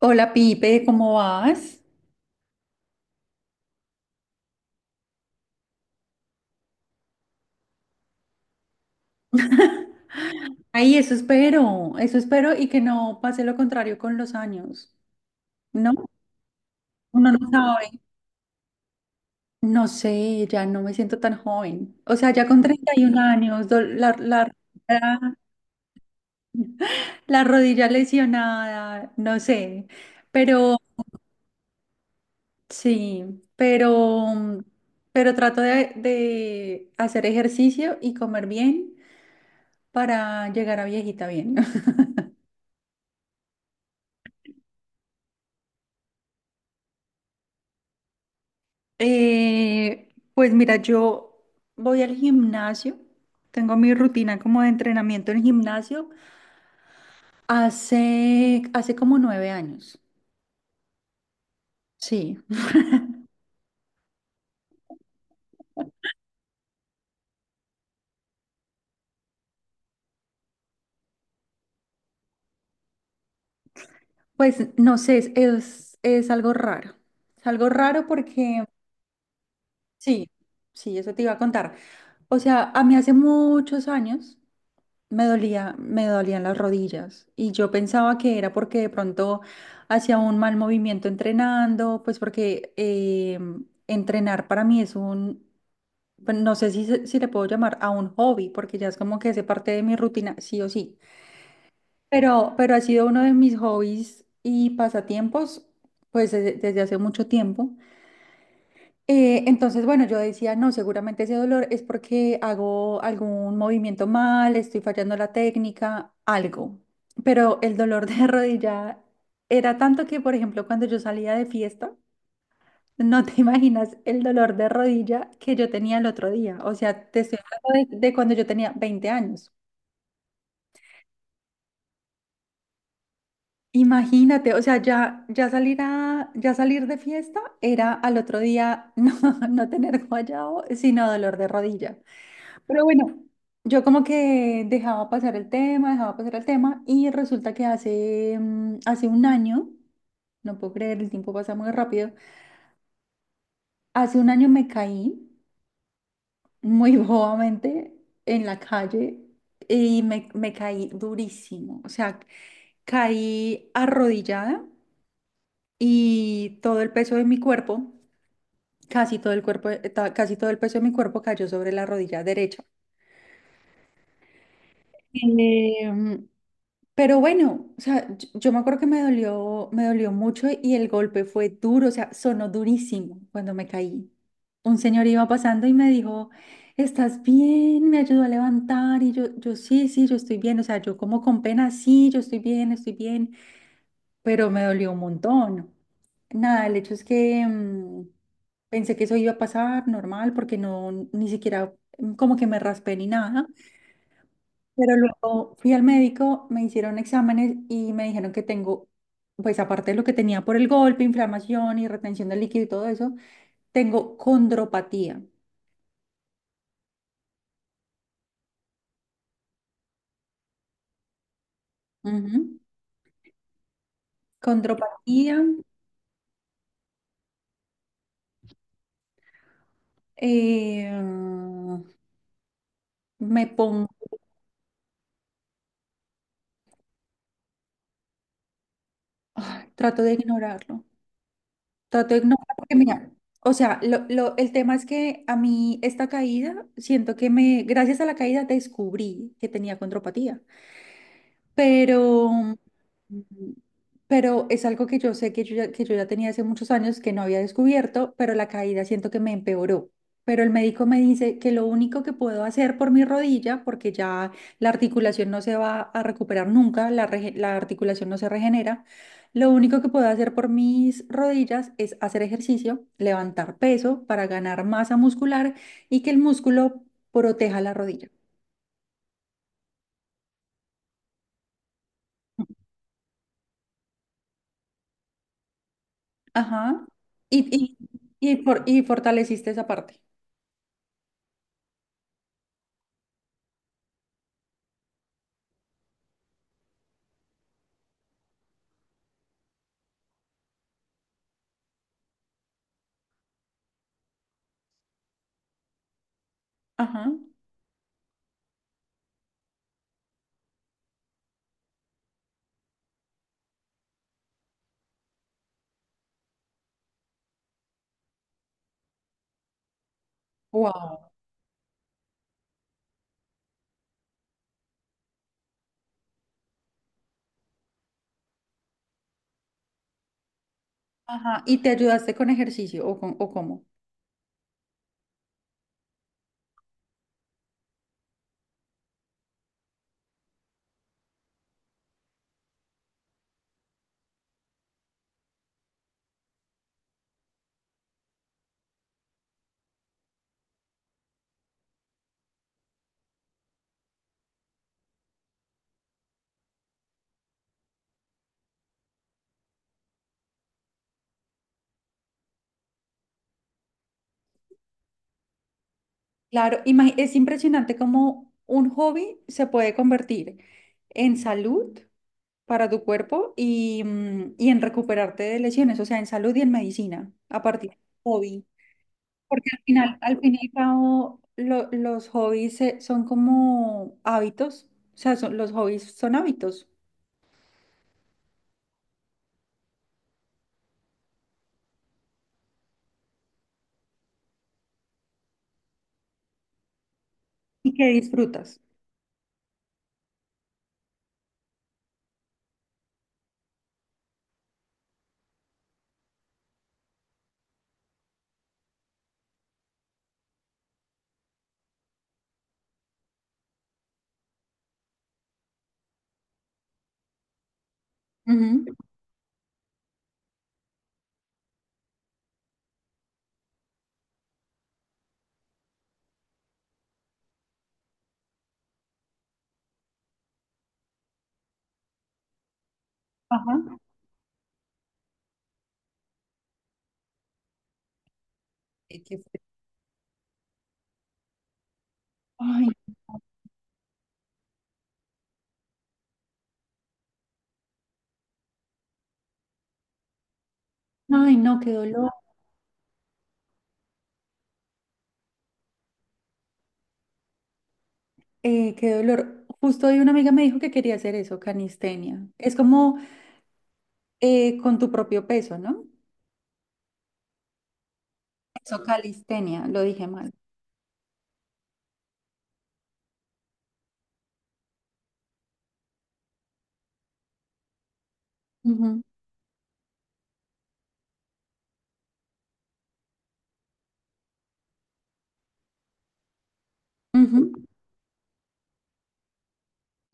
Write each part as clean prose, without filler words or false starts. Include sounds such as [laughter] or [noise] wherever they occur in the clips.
Hola Pipe, ¿cómo vas? [laughs] Ay, eso espero y que no pase lo contrario con los años, ¿no? Uno no sabe. No sé, ya no me siento tan joven. O sea, ya con 31 años, la- la rodilla lesionada, no sé. Pero sí, pero, pero trato de hacer ejercicio y comer bien para llegar a viejita bien. Eh, pues mira, yo voy al gimnasio, tengo mi rutina como de entrenamiento en gimnasio hace como 9 años. Sí, pues no sé, es algo raro. Es algo raro porque, sí, sí, eso te iba a contar. O sea, a mí hace muchos años me dolía, me dolían las rodillas y yo pensaba que era porque de pronto hacía un mal movimiento entrenando, pues porque entrenar para mí es un, pues, no sé si, se- si le puedo llamar a un hobby, porque ya es como que hace parte de mi rutina, sí o sí. Pero ha sido uno de mis hobbies y pasatiempos, pues desde hace mucho tiempo. Entonces, bueno, yo decía, no, seguramente ese dolor es porque hago algún movimiento mal, estoy fallando la técnica, algo. Pero el dolor de [laughs] rodilla era tanto que, por ejemplo, cuando yo salía de fiesta, no te [laughs] imaginas el dolor de rodilla que yo tenía el otro día. O sea, te estoy hablando de cuando yo tenía 20 años. Imagínate, o sea, ya, ya salir de fiesta era al otro día [laughs] no, no tener guayao, sino dolor de rodilla. Pero bueno, yo como que dejaba pasar el tema, dejaba pasar el tema y resulta que hace, hace 1 año, no puedo creer, el tiempo pasa muy rápido, hace 1 año me caí muy [laughs] bobamente en la calle y me caí durísimo, o sea, caí arrodillada y todo el peso de mi cuerpo, casi todo el cuerpo, casi todo el peso de mi cuerpo cayó sobre la rodilla derecha. Em, Pero bueno, o sea, yo me acuerdo que me dolió mucho y el golpe fue duro, o sea, sonó durísimo cuando me caí. Un señor iba pasando y me dijo, ¿estás bien? Me ayudó a levantar y yo sí, sí, yo estoy bien, o sea, yo como con pena, sí, yo estoy bien, pero me dolió un montón. Nada, el hecho es que pensé que eso iba a pasar normal porque no, ni siquiera como que me raspé ni nada. Pero luego fui al médico, me hicieron exámenes y me dijeron que tengo, pues aparte de lo que tenía por el golpe, inflamación y retención de líquido y todo eso, tengo condropatía. Ujú. Condropatía, eh, me pongo, ay, trato de ignorarlo porque mira, o sea, el tema es que a mí esta caída, siento que me, gracias a la caída descubrí que tenía condropatía. Pero, pero es algo que yo sé que yo ya tenía hace muchos años que no había descubierto, pero la caída siento que me empeoró. Pero el médico me dice que lo único que puedo hacer por mi rodilla, porque ya la articulación no se va a recuperar nunca, la articulación no se regenera, lo único que puedo hacer por mis rodillas es hacer ejercicio, levantar peso para ganar masa muscular y que el músculo proteja la rodilla. Ajá. Y, y fortaleciste esa parte. Ajá. Wow. Ajá. Y te ayudaste con ejercicio o, con, o cómo. Claro, es impresionante cómo un hobby se puede convertir en salud para tu cuerpo y, y en recuperarte de lesiones, o sea, en salud y en medicina a partir del hobby. Porque al final, al fin y al cabo, los hobbies son como hábitos, o sea, los hobbies son hábitos y que disfrutas. Ujú. Ajá. eh, que fue- Ay, ay, no, qué dolor, qué dolor. Justo hoy una amiga me dijo que quería hacer eso, calistenia. Es como con tu propio peso, ¿no? Eso, calistenia, lo dije mal. Ujú, ujú,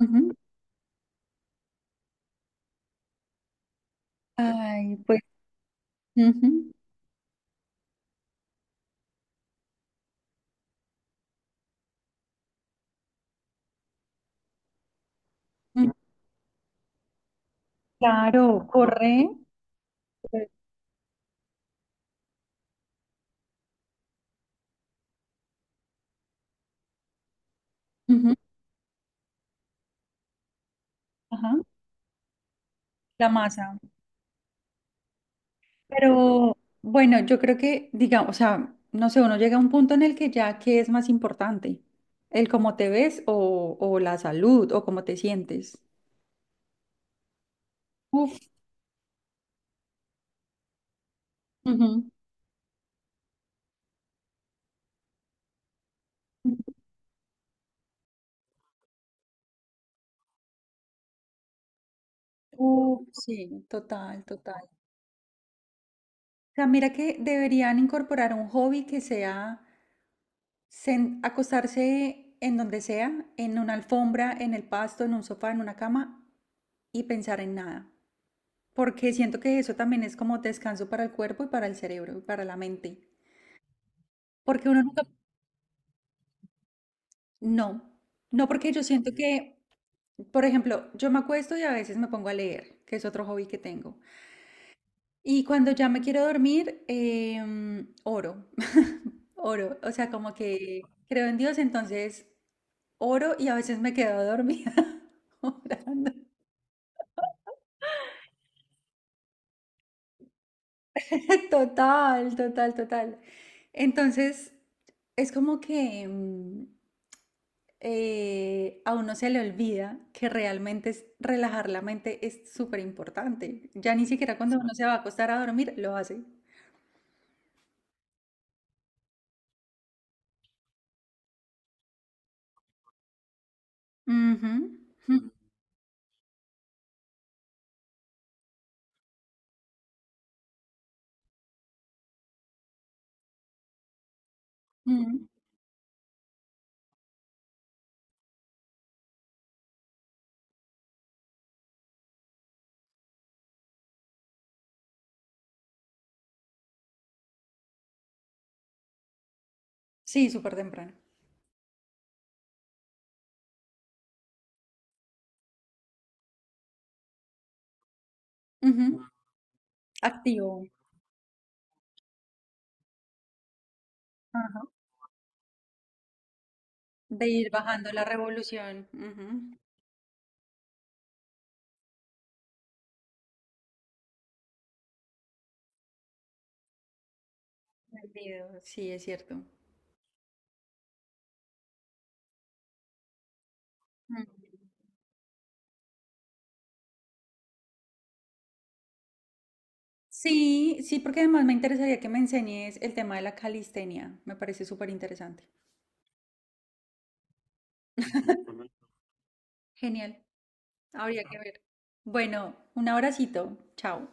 ujú. Ay, pues, ujú, ujú. Claro, corre. Ujú, ajá, la masa. Pero bueno, yo creo que, digamos, o sea, no sé, uno llega a un punto en el que ya, ¿qué es más importante? ¿El cómo te ves o la salud o cómo te sientes? Uf, ujú. Uf, sí, total, total. O sea, mira que deberían incorporar un hobby que sea acostarse en donde sea, en una alfombra, en el pasto, en un sofá, en una cama y pensar en nada. Porque siento que eso también es como descanso para el cuerpo y para el cerebro y para la mente. Porque uno nunca, no, no porque yo siento que, por ejemplo, yo me acuesto y a veces me pongo a leer, que es otro hobby que tengo. Y cuando ya me quiero dormir, oro, [laughs] oro, o sea, como que creo en Dios, entonces oro y a veces me quedo dormida [laughs] orando. [laughs] Total, total, total. Entonces, es como que, a uno se le olvida que realmente es, relajar la mente es súper importante. Ya ni siquiera cuando uno se va a acostar a dormir lo hace. Ujú, ujú, ujú. Sí, súper temprano. Ujú, activo. Ajá. De ir bajando la revolución. Ujú, del video, sí, es cierto. Ujú. Sí, sí, porque además me interesaría que me enseñes el tema de la calistenia. Me parece súper interesante. Genial. Habría que ver. Bueno, un abracito. Chao.